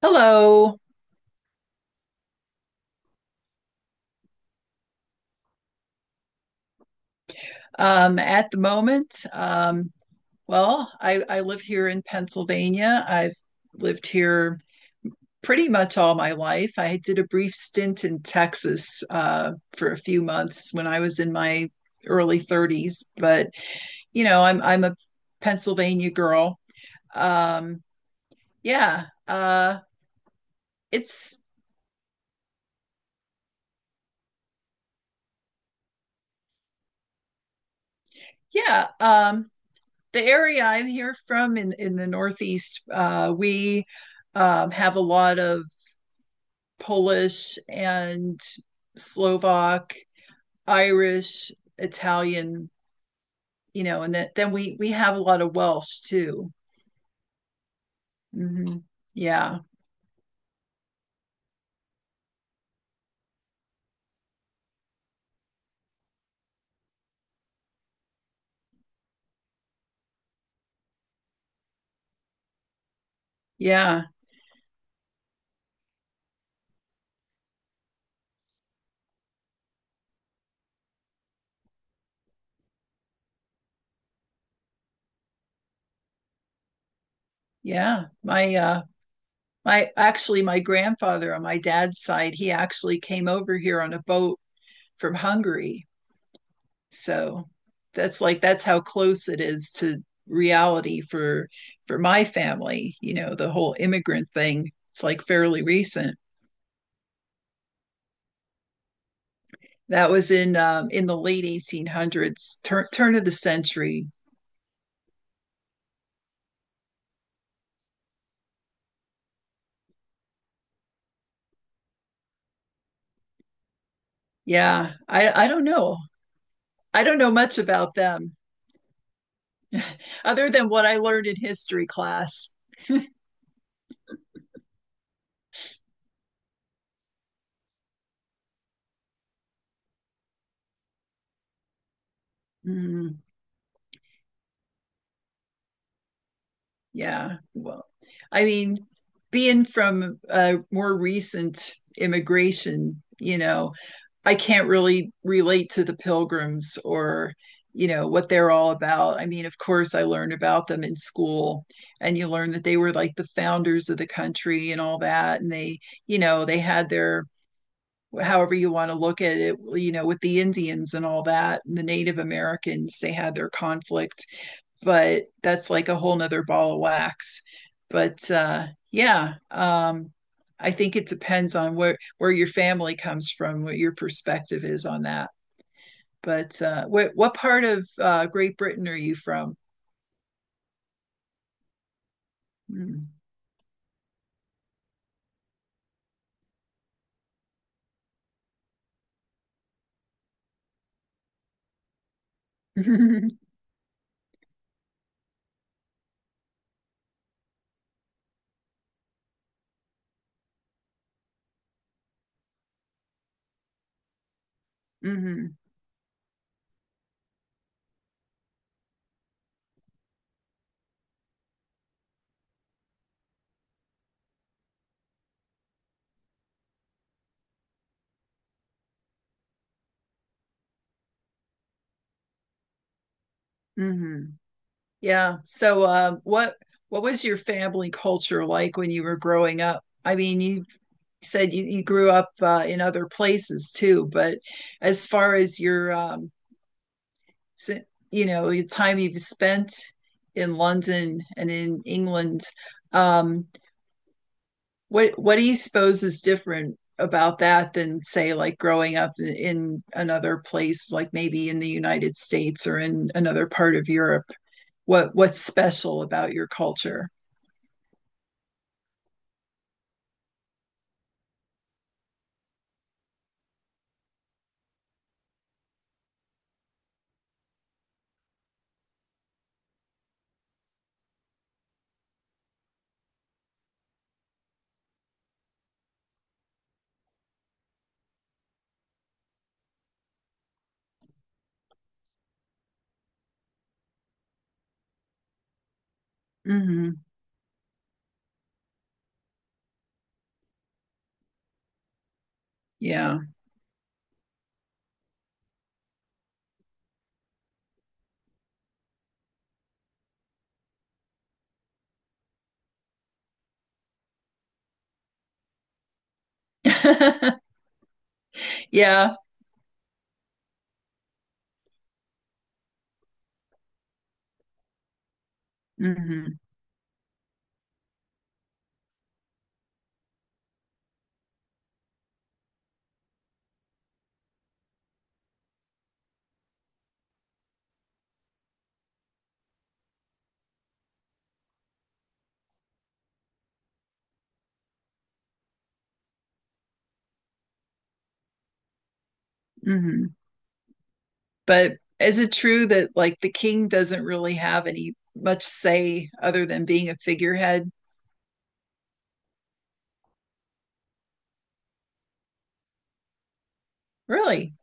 Hello. At the moment, well, I live here in Pennsylvania. I've lived here pretty much all my life. I did a brief stint in Texas for a few months when I was in my early 30s, but you know, I'm a Pennsylvania girl. Um, yeah, it's yeah. The area I'm here from in the Northeast, we have a lot of Polish and Slovak, Irish, Italian, you know, and that, then we have a lot of Welsh too. hmm Yeah, yeah, yeah. My actually, my grandfather on my dad's side, he actually came over here on a boat from Hungary. So that's how close it is to reality for my family. You know, the whole immigrant thing, it's like fairly recent. That was in the late 1800s, turn of the century. Yeah, I don't know. I don't know much about them other than what I learned in history class. Mm, yeah. Well, I mean, being from more recent immigration, you know, I can't really relate to the pilgrims, or, you know, what they're all about. I mean, of course, I learned about them in school, and you learn that they were like the founders of the country and all that. And they, you know, they had their, however you want to look at it, you know, with the Indians and all that, and the Native Americans, they had their conflict, but that's like a whole nother ball of wax. But I think it depends on where your family comes from, what your perspective is on that. But what part of Great Britain are you from? Mm. hmm hmm Yeah. So, what was your family culture like when you were growing up? I mean, you said you grew up in other places too, but as far as your si- you know, the time you've spent in London and in England. Um, what what do you suppose is different about that than say like growing up in another place, like maybe in the United States or in another part of Europe? What's special about your culture? Mhm. Yeah. Yeah. Mhm. Mhm. But is it true that like the king doesn't really have any much say other than being a figurehead? Really?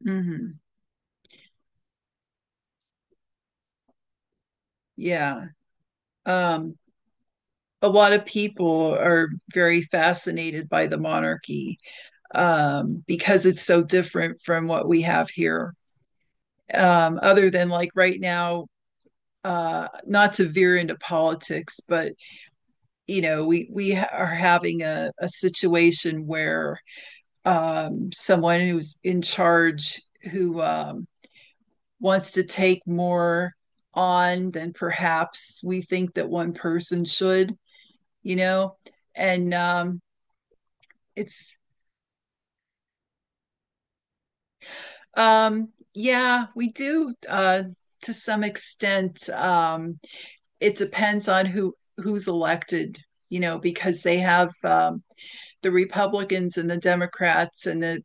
Mhm. Yeah. Um a lot of people are very fascinated by the monarchy, because it's so different from what we have here. Other than like right now, not to veer into politics, but you know, we are having a situation where someone who's in charge who wants to take more on than perhaps we think that one person should, you know, and it's yeah, we do, to some extent. It depends on who's elected, you know, because they have, the Republicans and the Democrats, and the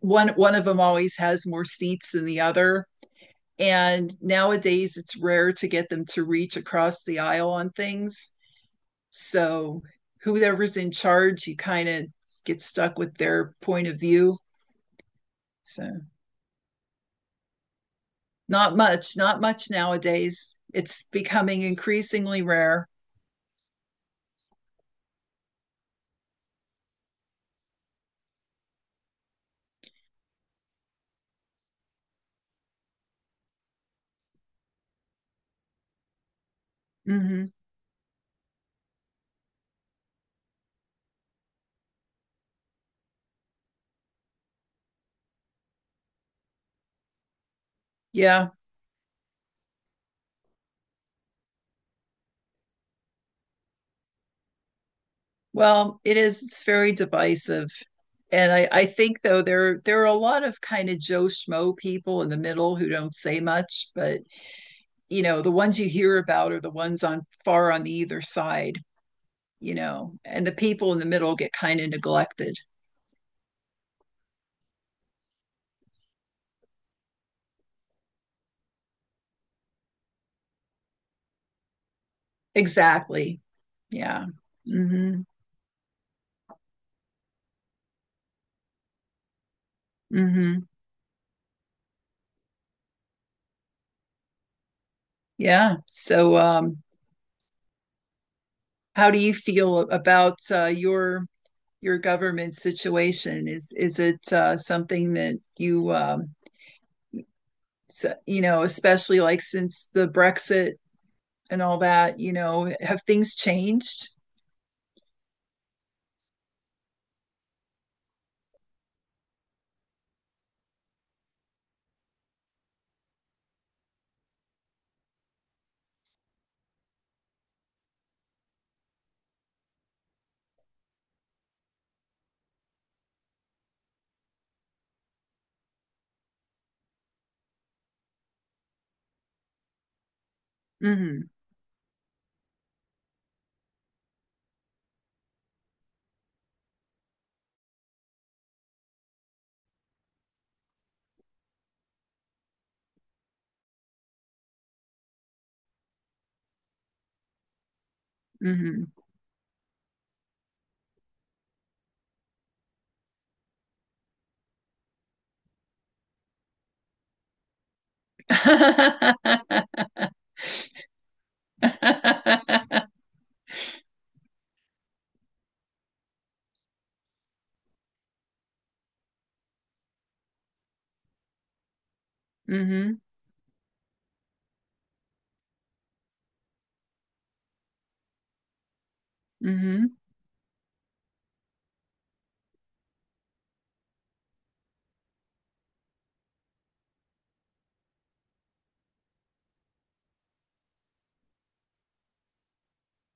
one of them always has more seats than the other. And nowadays, it's rare to get them to reach across the aisle on things. So whoever's in charge, you kind of get stuck with their point of view. So not much, not much nowadays. It's becoming increasingly rare. hmm Yeah. Well, it is. It's very divisive. And I think though there are a lot of kind of Joe Schmo people in the middle who don't say much, but you know, the ones you hear about are the ones on far on the either side. You know, and the people in the middle get kind of neglected. Exactly. Yeah. hmm hmm Yeah. So, how do you feel about your government situation? Is it something that you you know, especially like since the Brexit and all that, you know, have things changed? Mhm, mhm. Mhm, mhm.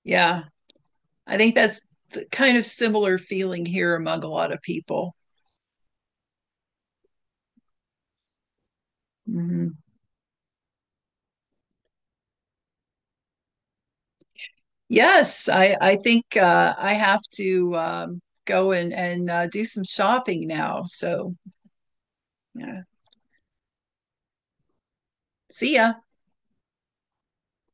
Yeah, I think that's the kind of similar feeling here among a lot of people. Mhm. Yes, I think I have to go and do some shopping now. So yeah, see ya.